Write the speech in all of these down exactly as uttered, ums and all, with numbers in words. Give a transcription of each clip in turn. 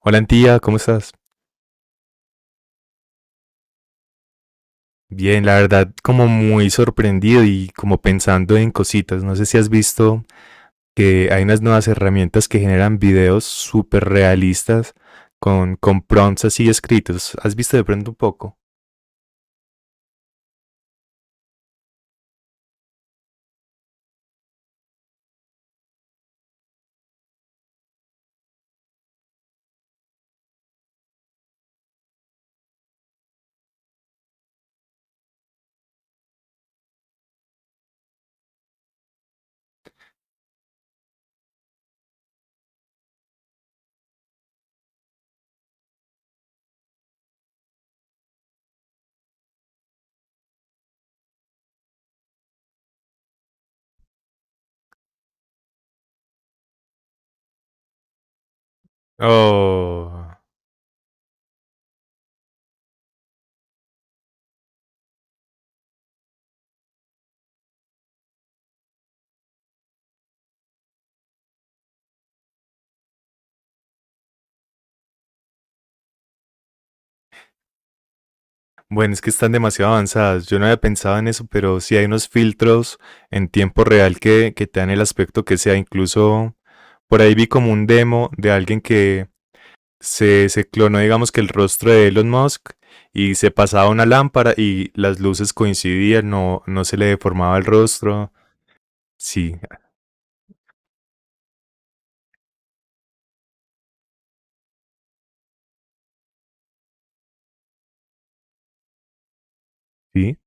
Hola, tía, ¿cómo estás? Bien, la verdad, como muy sorprendido y como pensando en cositas. No sé si has visto que hay unas nuevas herramientas que generan videos súper realistas con, con prompts así escritos. ¿Has visto de pronto un poco? Oh, bueno, es que están demasiado avanzadas. Yo no había pensado en eso, pero sí hay unos filtros en tiempo real que, que te dan el aspecto que sea. Incluso por ahí vi como un demo de alguien que se, se clonó, digamos que el rostro de Elon Musk, y se pasaba una lámpara y las luces coincidían, no, no se le deformaba el rostro. Sí, sí.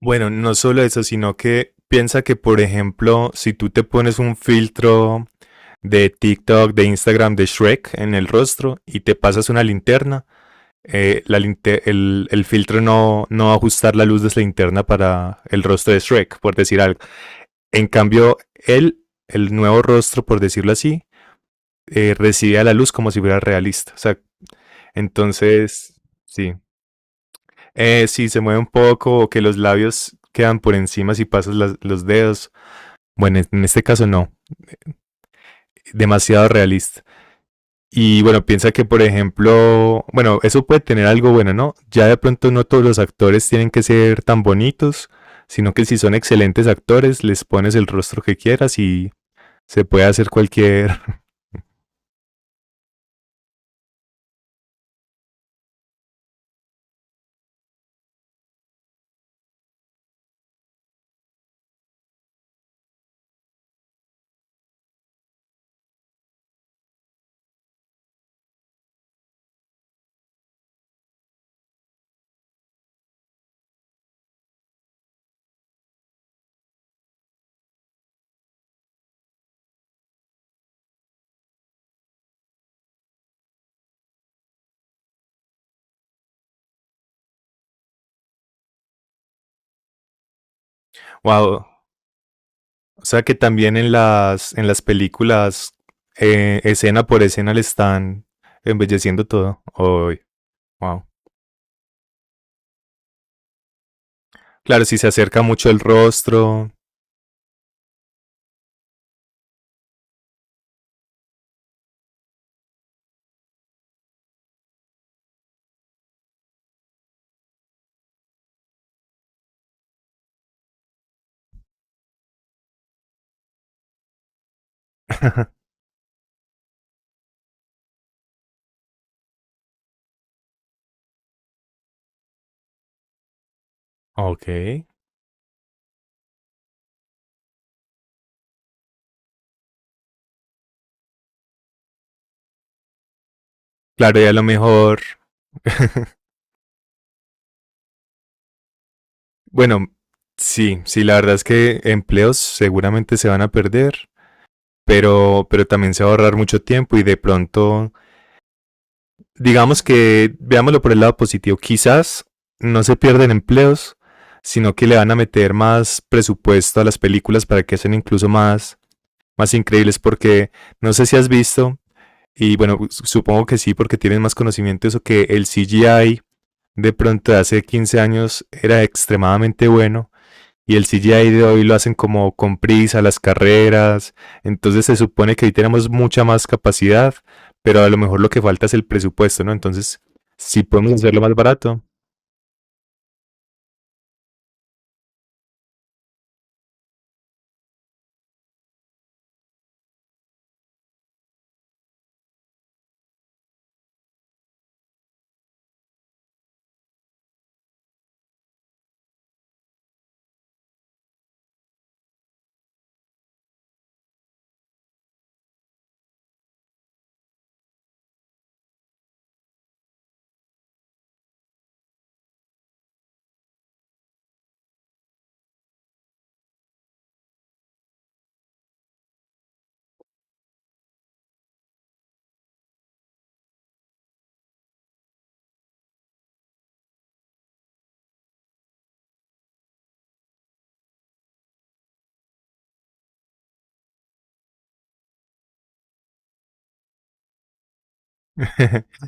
Bueno, no solo eso, sino que piensa que, por ejemplo, si tú te pones un filtro de TikTok, de Instagram, de Shrek en el rostro y te pasas una linterna, eh, la linte- el, el filtro no, no va a ajustar la luz de esa linterna para el rostro de Shrek, por decir algo. En cambio, él, el nuevo rostro, por decirlo así, eh, recibía la luz como si fuera realista. O sea, entonces, sí. Eh, si se mueve un poco o que los labios quedan por encima si pasas las- los dedos. Bueno, en este caso no. Demasiado realista. Y bueno, piensa que, por ejemplo, bueno, eso puede tener algo bueno, ¿no? Ya de pronto no todos los actores tienen que ser tan bonitos, sino que si son excelentes actores, les pones el rostro que quieras y se puede hacer cualquier, wow. O sea que también en las, en las películas, eh, escena por escena, le están embelleciendo todo. Uy, wow. Claro, si se acerca mucho el rostro. Ok. Claro, y a lo mejor. Bueno, sí, sí, la verdad es que empleos seguramente se van a perder, pero, pero también se va a ahorrar mucho tiempo y de pronto, digamos que veámoslo por el lado positivo, quizás no se pierden empleos, sino que le van a meter más presupuesto a las películas para que sean incluso más, más increíbles, porque no sé si has visto, y bueno, supongo que sí, porque tienes más conocimiento de eso, que el C G I de pronto de hace quince años era extremadamente bueno y el C G I de hoy lo hacen como con prisa, las carreras. Entonces se supone que ahí tenemos mucha más capacidad, pero a lo mejor lo que falta es el presupuesto, ¿no? Entonces, sí podemos hacerlo más barato.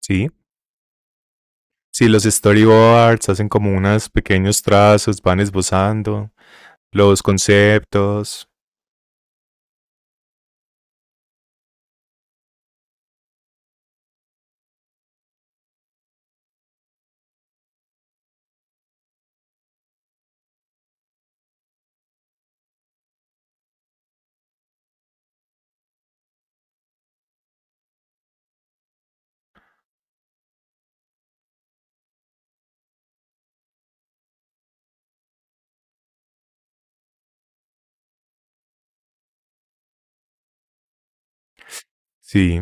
Sí. Sí. Los storyboards hacen como unos pequeños trazos, van esbozando los conceptos. Sí.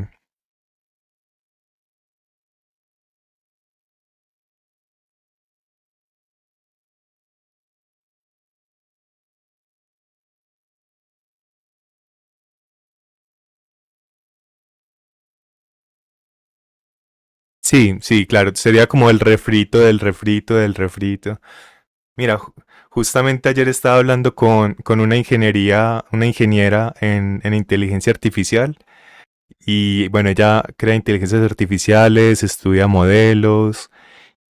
Sí, sí, claro. Sería como el refrito del refrito del refrito. Mira, ju- justamente ayer estaba hablando con, con una ingeniería, una ingeniera en, en inteligencia artificial y bueno, ella crea inteligencias artificiales, estudia modelos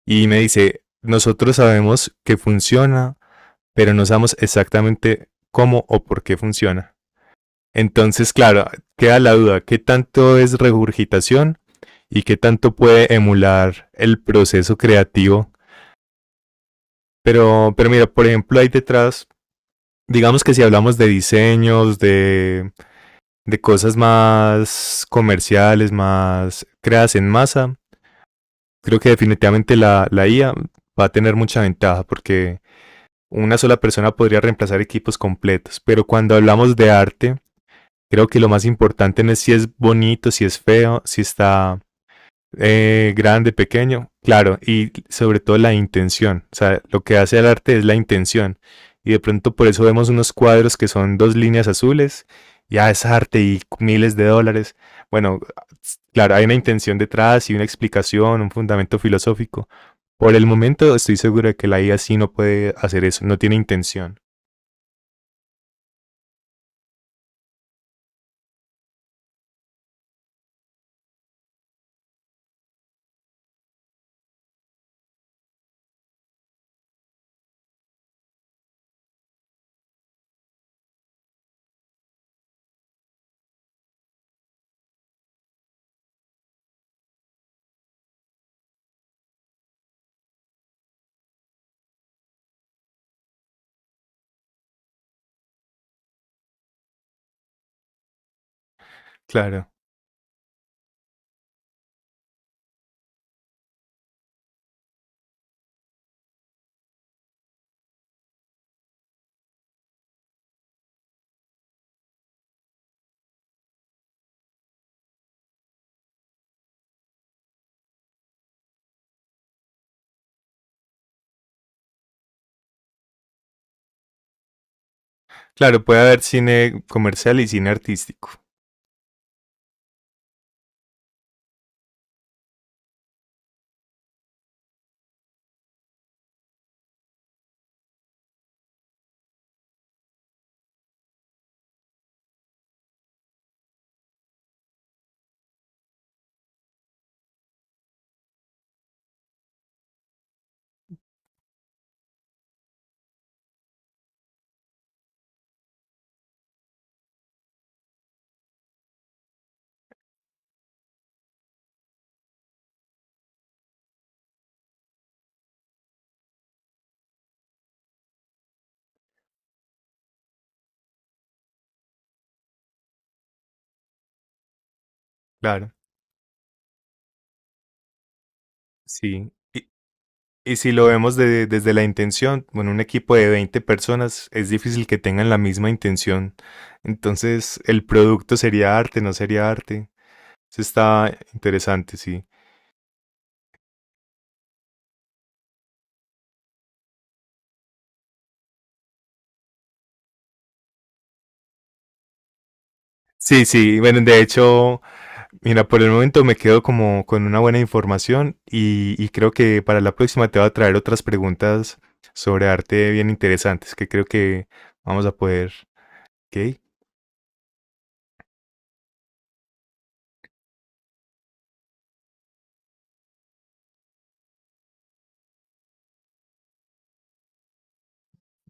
y me dice, nosotros sabemos que funciona, pero no sabemos exactamente cómo o por qué funciona. Entonces, claro, queda la duda, ¿qué tanto es regurgitación y qué tanto puede emular el proceso creativo? Pero, pero mira, por ejemplo, ahí detrás digamos que si hablamos de diseños, de, de cosas más comerciales, más creadas en masa, creo que definitivamente la, la I A va a tener mucha ventaja porque una sola persona podría reemplazar equipos completos. Pero cuando hablamos de arte, creo que lo más importante no es si es bonito, si es feo, si está eh, grande, pequeño, claro, y sobre todo la intención. O sea, lo que hace el arte es la intención. Y de pronto por eso vemos unos cuadros que son dos líneas azules, ya es arte y miles de dólares. Bueno, claro, hay una intención detrás y una explicación, un fundamento filosófico. Por el momento estoy seguro de que la I A sí no puede hacer eso, no tiene intención. Claro, claro, puede haber cine comercial y cine artístico. Claro, sí. Y, y si lo vemos de- desde la intención, bueno, un equipo de veinte personas es difícil que tengan la misma intención. Entonces, el producto sería arte, no sería arte. Eso está interesante, sí. Sí, sí, bueno, de hecho, mira, por el momento me quedo como con una buena información y, y creo que para la próxima te voy a traer otras preguntas sobre arte bien interesantes que creo que vamos a poder, ¿ok?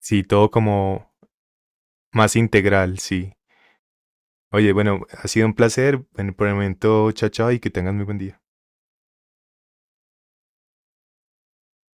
Sí, todo como más integral, sí. Oye, bueno, ha sido un placer. Bueno, por el momento, chao, chao, y que tengas muy buen día.